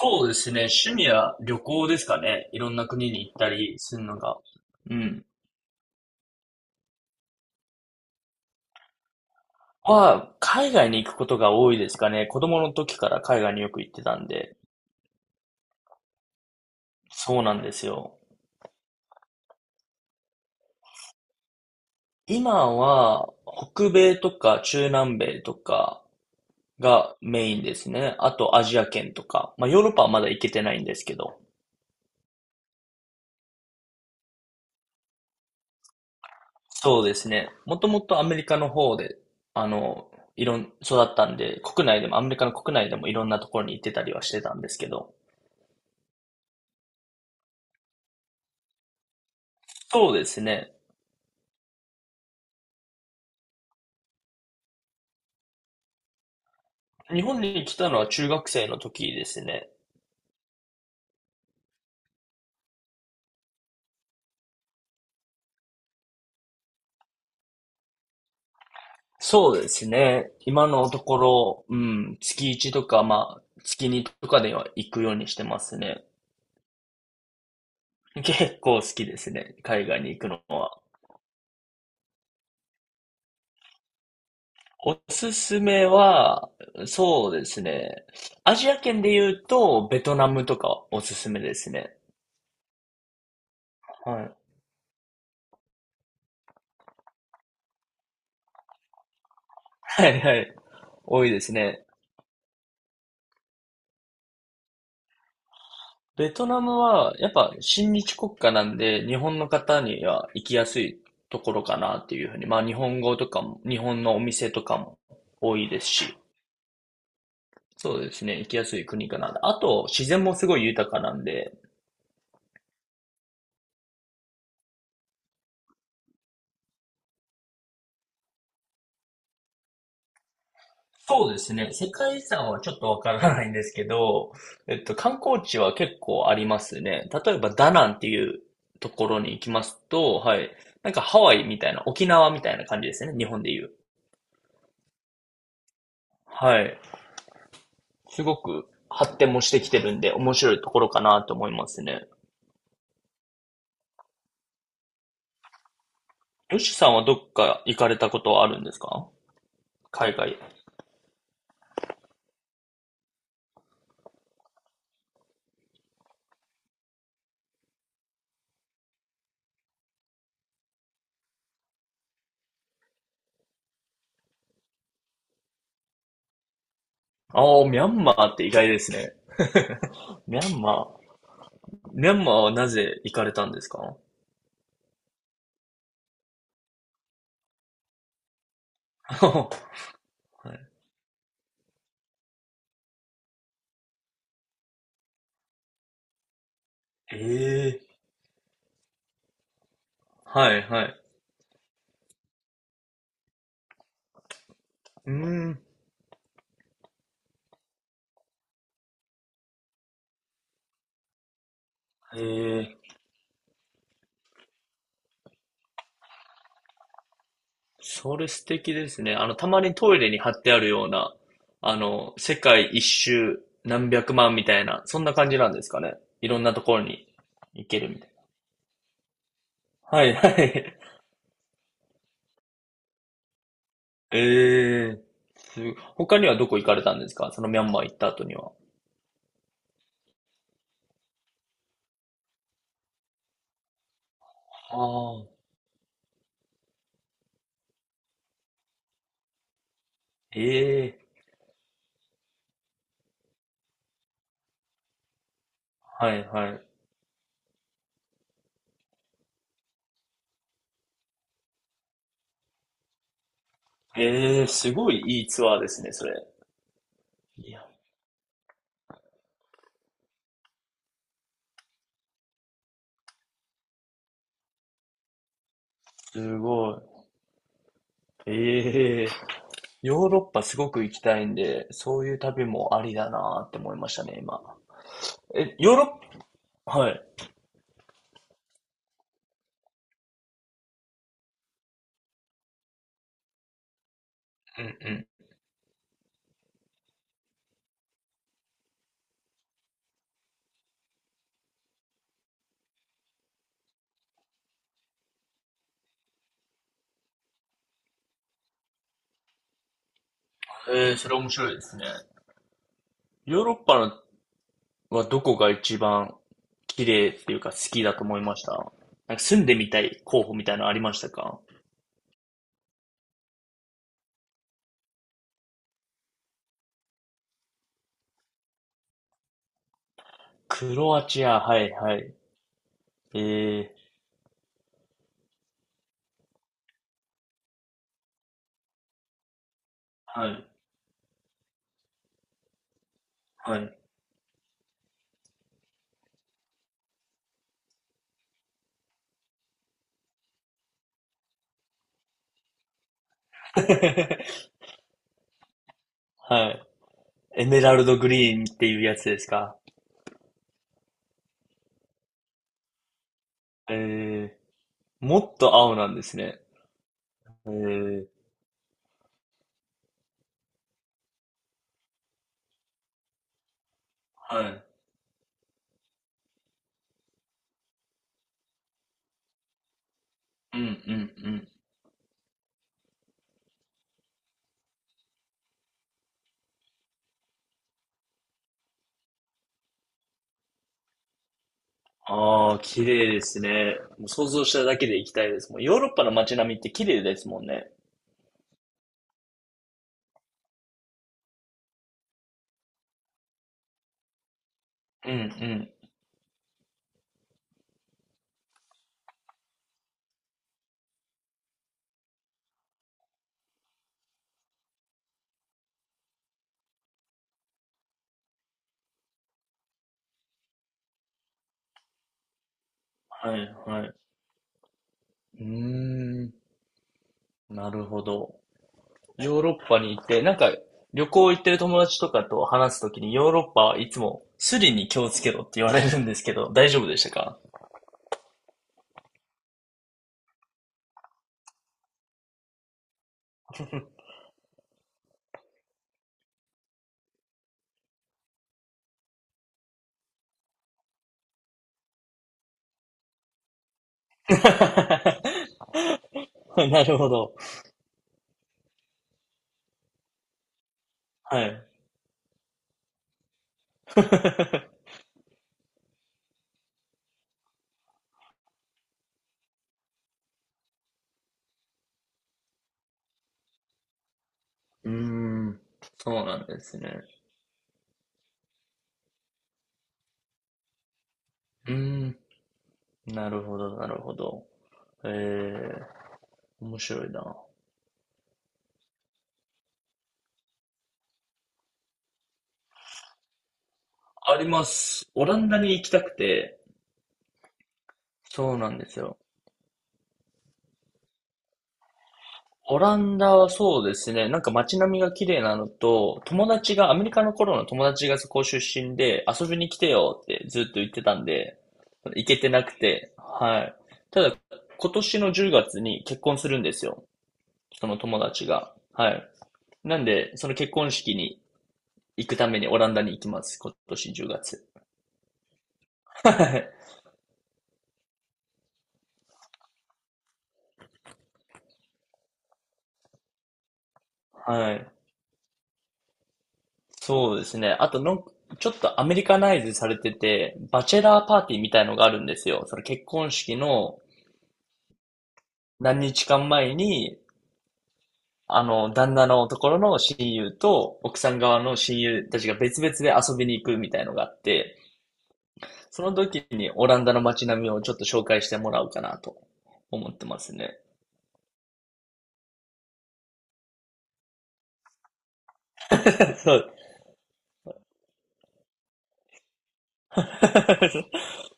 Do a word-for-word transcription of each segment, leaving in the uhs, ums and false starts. そうですね。趣味は旅行ですかね。いろんな国に行ったりするのが。うん。は、海外に行くことが多いですかね。子供の時から海外によく行ってたんで。そうなんですよ。今は、北米とか中南米とかがメインですね。あとアジア圏とか。まあヨーロッパはまだ行けてないんですけど。そうですね。もともとアメリカの方で、あの、いろん、育ったんで、国内でも、アメリカの国内でもいろんなところに行ってたりはしてたんですけど。そうですね。日本に来たのは中学生の時ですね。そうですね。今のところ、うん、月つきいちとか、まあ、月にとかでは行くようにしてますね。結構好きですね。海外に行くのは。おすすめは、そうですね。アジア圏で言うと、ベトナムとかおすすめですね。はい。はいはい。多いですね。ベトナムは、やっぱ親日国家なんで、日本の方には行きやすいところかなっていうふうに。まあ、日本語とかも、日本のお店とかも多いですし。そうですね、行きやすい国かな。あと、自然もすごい豊かなんで。そうですね、世界遺産はちょっとわからないんですけど、えっと、観光地は結構ありますね。例えば、ダナンっていうところに行きますと、はい。なんかハワイみたいな、沖縄みたいな感じですね、日本で言う。はい。すごく発展もしてきてるんで、面白いところかなと思いますね。ヨシさんはどっか行かれたことはあるんですか？海外。ああ、ミャンマーって意外ですね。ミャンマー。ミャンマーはなぜ行かれたんですか？ はいええはいはい。うーん。ええそれ素敵ですね。あの、たまにトイレに貼ってあるような、あの、世界一周何百万みたいな、そんな感じなんですかね。いろんなところに行けるみたいな。はいはい。ええ、すごい他にはどこ行かれたんですか？そのミャンマー行った後には。ああ、ええ、はいはい。ええ、すごいいいツアーですね、それ。いや、すごい。ええ、ヨーロッパすごく行きたいんで、そういう旅もありだなーって思いましたね、今。え、ヨーロッパ、はい。うんうん。ええ、それ面白いですね。ヨーロッパのはどこが一番綺麗っていうか好きだと思いました？なんか住んでみたい候補みたいなのありましたか？クロアチア、はいはい。ええ、はい、はい。はい。エメラルドグリーンっていうやつですか。ええ、もっと青なんですね。ええ、はい。うんうんうん。ああ、綺麗ですね。もう想像しただけで行きたいです。もうヨーロッパの街並みって綺麗ですもんね。うんうん。はいはい。うーん。なるほど。ヨーロッパに行って、なんか旅行行ってる友達とかと話すときにヨーロッパはいつもスリに気をつけろって言われるんですけど、大丈夫でしたか？ なるほど。はい。うーん。そうなんですね。うーん。なるほど、なるほど。えー、面白いな。あります。オランダに行きたくて、そうなんですよ。オランダはそうですね、なんか街並みが綺麗なのと、友達が、アメリカの頃の友達がそこ出身で、遊びに来てよってずっと言ってたんで、行けてなくて、はい。ただ、今年のじゅうがつに結婚するんですよ。その友達が。はい。なんで、その結婚式に行くためにオランダに行きます。今年じゅうがつ。はい。はい。そうですね。あとの、ちょっとアメリカナイズされてて、バチェラーパーティーみたいのがあるんですよ。その結婚式の、何日間前に、あの、旦那のところの親友と、奥さん側の親友たちが別々で遊びに行くみたいのがあって、その時にオランダの街並みをちょっと紹介してもらおうかなと思ってますね。そう。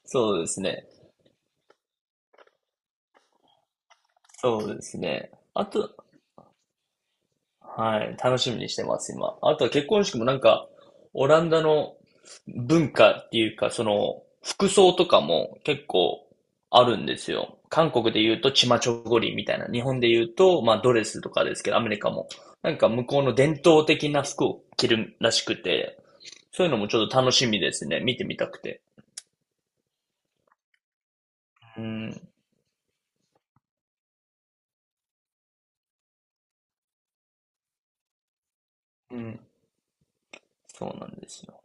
そうですね。そうですね。あと、はい、楽しみにしてます、今。あとは結婚式もなんか、オランダの文化っていうか、その、服装とかも結構あるんですよ。韓国で言うとチマチョゴリみたいな、日本で言うと、まあドレスとかですけど、アメリカも。なんか向こうの伝統的な服を着るらしくて、そういうのもちょっと楽しみですね。見てみたくて。うん、うん、そうなんですよ。